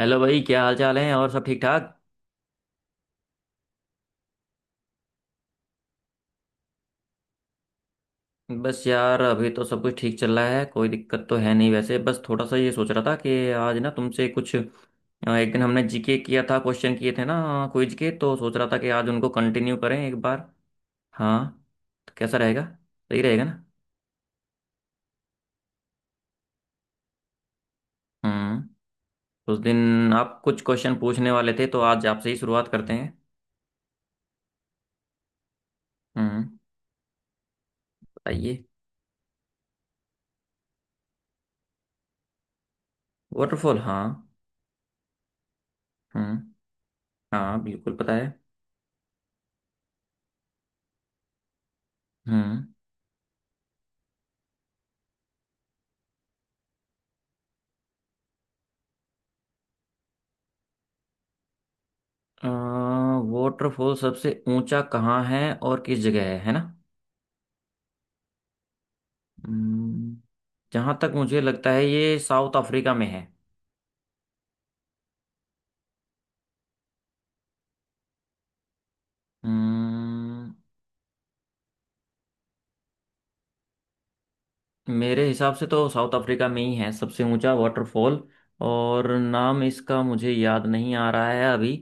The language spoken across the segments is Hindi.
हेलो भाई। क्या हाल चाल है? और सब ठीक ठाक? बस यार, अभी तो सब कुछ ठीक चल रहा है। कोई दिक्कत तो है नहीं वैसे। बस थोड़ा सा ये सोच रहा था कि आज ना तुमसे कुछ एक दिन हमने जीके किया था, क्वेश्चन किए थे ना क्विज के। तो सोच रहा था कि आज उनको कंटिन्यू करें एक बार। हाँ। तो कैसा रहेगा? सही रहेगा ना? हम्म। उस दिन आप कुछ क्वेश्चन पूछने वाले थे, तो आज आपसे ही शुरुआत करते हैं। हम्म। बताइए। वाटरफॉल, हाँ। हम्म। हाँ, बिल्कुल पता है। हम्म। वाटरफॉल सबसे ऊंचा कहाँ है और किस जगह है ना? जहां तक मुझे लगता है ये साउथ अफ्रीका में है। हम्म, मेरे हिसाब से तो साउथ अफ्रीका में ही है सबसे ऊंचा वाटरफॉल। और नाम इसका मुझे याद नहीं आ रहा है अभी।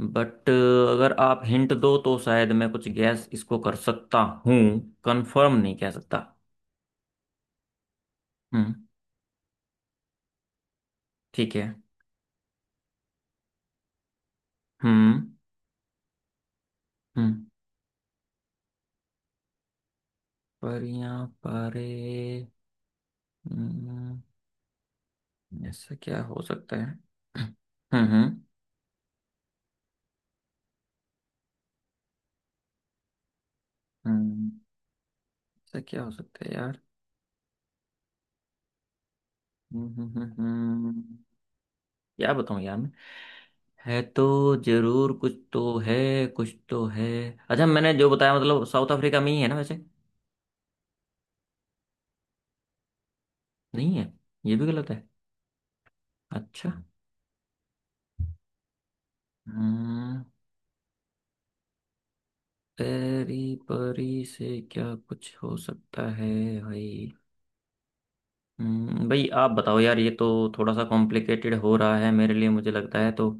बट अगर आप हिंट दो तो शायद मैं कुछ गैस इसको कर सकता हूँ। कंफर्म नहीं कह सकता। हम्म। ठीक है। हम्म। हम्म। पर यहाँ पर हम्म, ऐसा क्या हो सकता है? हम्म। हम्म। हम्म, ऐसा क्या हो सकता है यार? हम्म। हम्म। हम्म। क्या बताऊं यार मैं? है तो, जरूर कुछ तो है। कुछ तो है। अच्छा, मैंने जो बताया मतलब साउथ अफ्रीका में ही है ना वैसे? नहीं है? ये भी गलत है? अच्छा। हम्म। परी परी से क्या कुछ हो सकता है भाई? भाई आप बताओ यार। ये तो थोड़ा सा कॉम्प्लिकेटेड हो रहा है मेरे लिए, मुझे लगता है। तो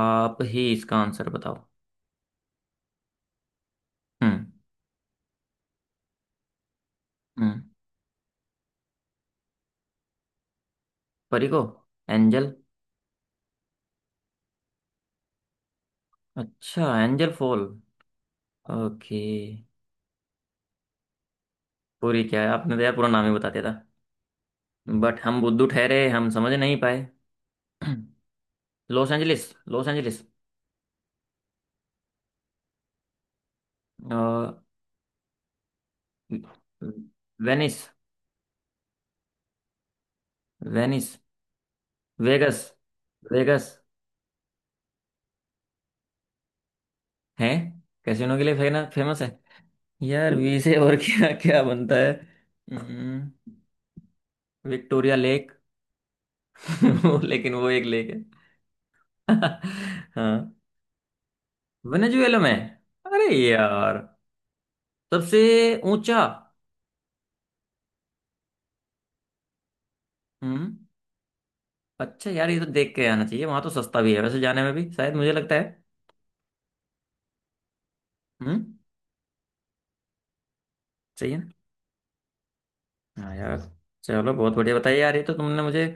आप ही इसका आंसर बताओ। हम्म। हम्म। परी को? एंजल। अच्छा, एंजल फॉल। ओके। पूरी क्या है, आपने तो यार पूरा नाम ही बता दिया था। बट हम बुद्धू ठहरे, हम समझ नहीं पाए। Loss Angeles. Los Angeles. Venice. Venice. Vegas. Vegas है? कैसीनो के लिए फेना फेमस है? यार वी से और क्या क्या बनता है? हम्म, विक्टोरिया लेक। वो, लेकिन वो एक लेक है। हाँ। वेनेजुएला में? अरे यार! सबसे ऊंचा। हम्म। अच्छा यार, ये तो देख के आना चाहिए। वहां तो सस्ता भी है वैसे जाने में भी शायद, मुझे लगता है। हम्म। सही है ना? हाँ यार। चलो बहुत बढ़िया। बताइए यार, ये तो तुमने मुझे।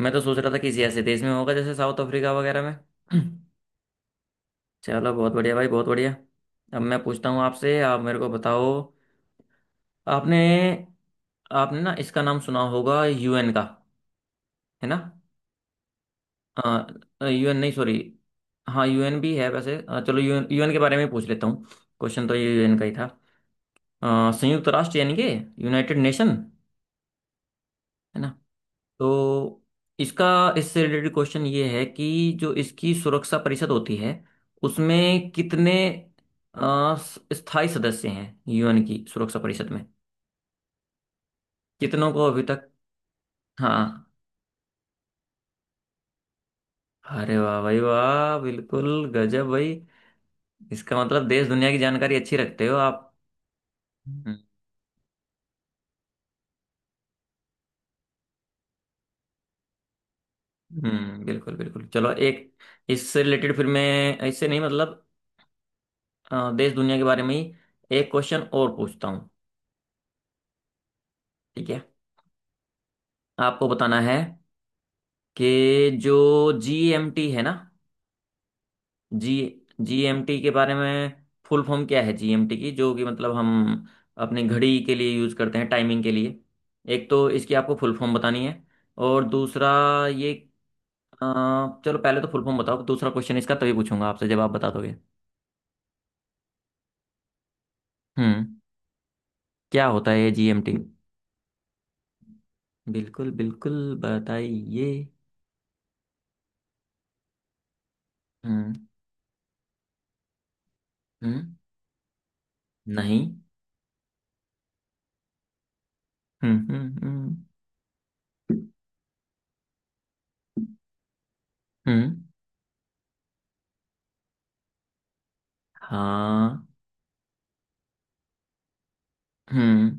मैं तो सोच रहा था किसी ऐसे देश में होगा जैसे साउथ अफ्रीका वगैरह में। चलो बहुत बढ़िया भाई, बहुत बढ़िया। अब मैं पूछता हूँ आपसे, आप मेरे को बताओ। आपने आपने ना इसका नाम सुना होगा यूएन का, है ना? यूएन नहीं, सॉरी। हाँ यूएन भी है वैसे। चलो यूएन यूएन के बारे में पूछ लेता हूँ। क्वेश्चन तो ये यूएन का ही था। संयुक्त राष्ट्र यानी कि यूनाइटेड नेशन, है ना? तो इसका, इससे रिलेटेड क्वेश्चन ये है कि जो इसकी सुरक्षा परिषद होती है उसमें कितने अ, स्थायी सदस्य हैं यूएन की सुरक्षा परिषद में? कितनों को अभी तक? हाँ। अरे वाह भाई वाह, बिल्कुल। गजब भाई। इसका मतलब देश दुनिया की जानकारी अच्छी रखते हो आप। हम्म। बिल्कुल बिल्कुल। चलो एक इससे रिलेटेड, फिर मैं इससे नहीं मतलब देश दुनिया के बारे में ही एक क्वेश्चन और पूछता हूँ। ठीक है। आपको बताना है कि जो जीएमटी है ना? जी जीएमटी के बारे में फुल फॉर्म क्या है जीएमटी की, जो कि मतलब हम अपनी घड़ी के लिए यूज करते हैं, टाइमिंग के लिए। एक तो इसकी आपको फुल फॉर्म बतानी है। और दूसरा ये अ, चलो पहले तो फुल फॉर्म बताओ, दूसरा क्वेश्चन इसका तभी पूछूंगा आपसे जब आप बता दोगे। हम्म। क्या होता है ये जीएमटी? बिल्कुल बिल्कुल। बताइए। हम्म। हम्म। नहीं। हम्म। हम्म। हम्म। हम्म, हाँ। हम्म।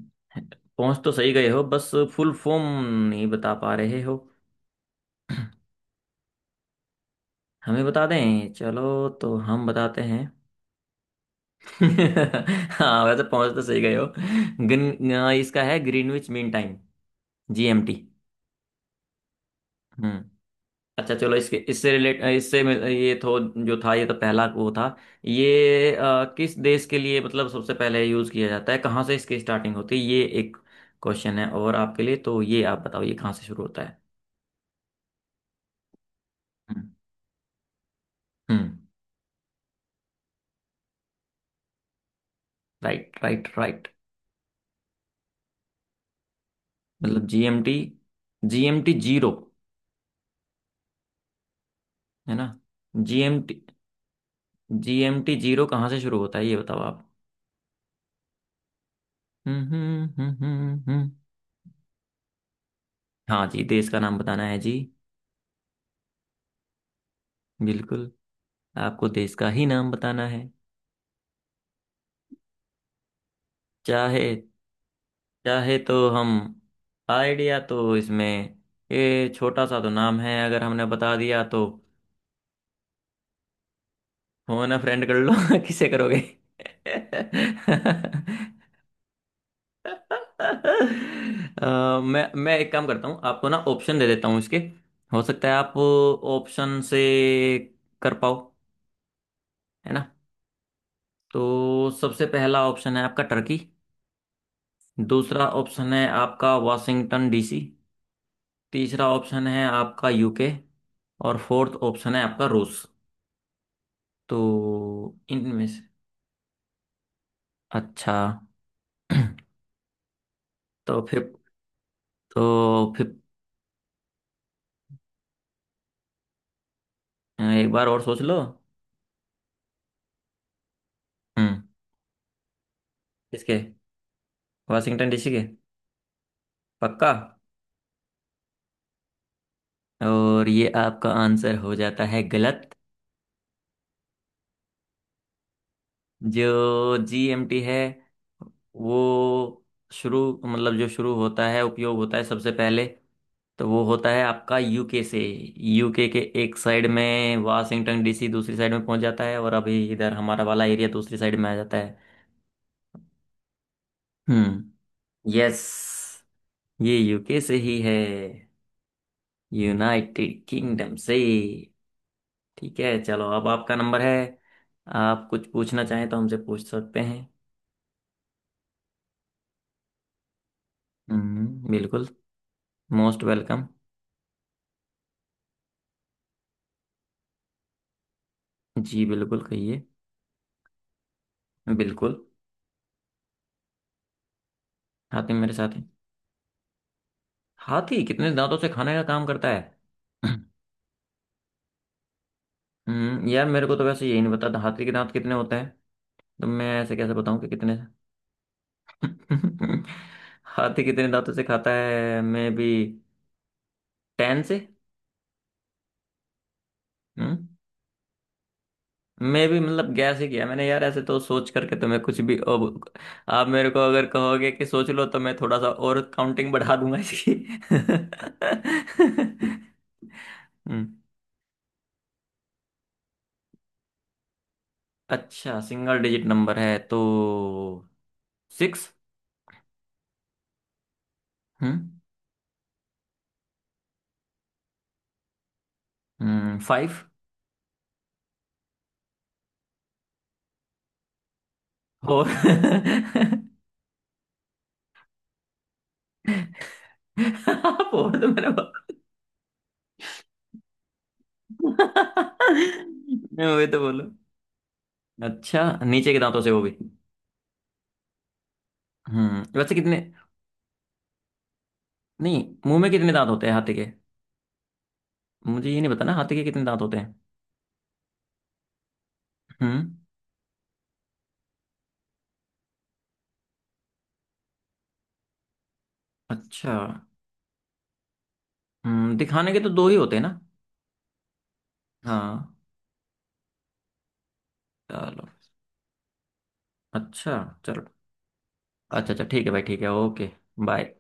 पहुंच तो सही गए हो, बस फुल फॉर्म नहीं बता पा रहे हो। हमें बता दें? चलो तो हम बताते हैं। हाँ, वैसे पहुंच तो सही गए हो। गिन, इसका है ग्रीनविच मीन टाइम, जीएमटी। हम्म। अच्छा चलो इसके, इससे रिलेट, इससे ये तो जो था ये तो पहला वो था। ये किस देश के लिए मतलब सबसे पहले यूज किया जाता है, कहाँ से इसकी स्टार्टिंग होती है, ये एक क्वेश्चन है। और आपके लिए तो ये आप बताओ, ये कहाँ से शुरू होता है? हम्म। हम्म। Right right right. मतलब जीएमटी, जीएमटी जीरो, है ना? जीएमटी जीएमटी जीरो कहाँ से शुरू होता है, ये बताओ आप। हम्म। हम्म। हम्म। हम्म। हम्म। हाँ जी, देश का नाम बताना है जी। बिल्कुल। आपको देश का ही नाम बताना है। चाहे चाहे तो हम। आइडिया तो इसमें। ये छोटा सा तो नाम है, अगर हमने बता दिया तो। हो ना, फ्रेंड कर लो। किसे करोगे? अ, मैं एक काम करता हूँ, आपको ना ऑप्शन दे देता हूँ इसके। हो सकता है आप ऑप्शन से कर पाओ। है ना? तो सबसे पहला ऑप्शन है आपका टर्की। दूसरा ऑप्शन है आपका वाशिंगटन डीसी। तीसरा ऑप्शन है आपका यूके। और फोर्थ ऑप्शन है आपका रूस। तो इनमें से? अच्छा। तो फिफ्थ तो फिफ्थ, एक बार और सोच लो। हम्म। इसके, वाशिंगटन डीसी के? पक्का? और ये आपका आंसर हो जाता है गलत। जो जीएमटी है वो शुरू मतलब जो शुरू होता है, उपयोग होता है सबसे पहले, तो वो होता है आपका यूके से। यूके के एक साइड में वाशिंगटन डीसी, दूसरी साइड में पहुंच जाता है, और अभी इधर हमारा वाला एरिया दूसरी साइड में आ जाता है। हम्म। यस। ये यूके से ही है, यूनाइटेड किंगडम से। ठीक है, चलो अब आपका नंबर है। आप कुछ पूछना चाहें तो हमसे पूछ सकते हैं। हम्म, बिल्कुल। Most welcome. जी बिल्कुल, कहिए। बिल्कुल। हाथी मेरे साथ है? हाथी कितने दांतों से खाने का काम करता है? यार, मेरे को तो वैसे यही नहीं पता था, हाथी के दांत कितने होते हैं। तो मैं ऐसे कैसे बताऊं कि कितने? हाथी कितने दांतों से खाता है, मे बी टेन से? हम्म। मे बी मतलब गैस ही किया मैंने यार। ऐसे तो सोच करके तो मैं कुछ भी अब। आप मेरे को अगर कहोगे कि सोच लो, तो मैं थोड़ा सा और काउंटिंग बढ़ा दूंगा इसकी। हम्म। अच्छा, सिंगल डिजिट नंबर है तो सिक्स। हम्म। हम्म। फाइव। फोर। फोर। तो मैंने बोला। वे तो बोलो। अच्छा, नीचे के दांतों से? वो भी? वैसे कितने? नहीं, मुंह में कितने दांत होते हैं हाथी के? मुझे ये नहीं पता ना हाथी के कितने दांत होते हैं। हम्म। अच्छा। हम्म, दिखाने के तो दो ही होते हैं ना? हाँ। चलो। अच्छा चलो। अच्छा अच्छा, ठीक है भाई, ठीक है। ओके। बाय।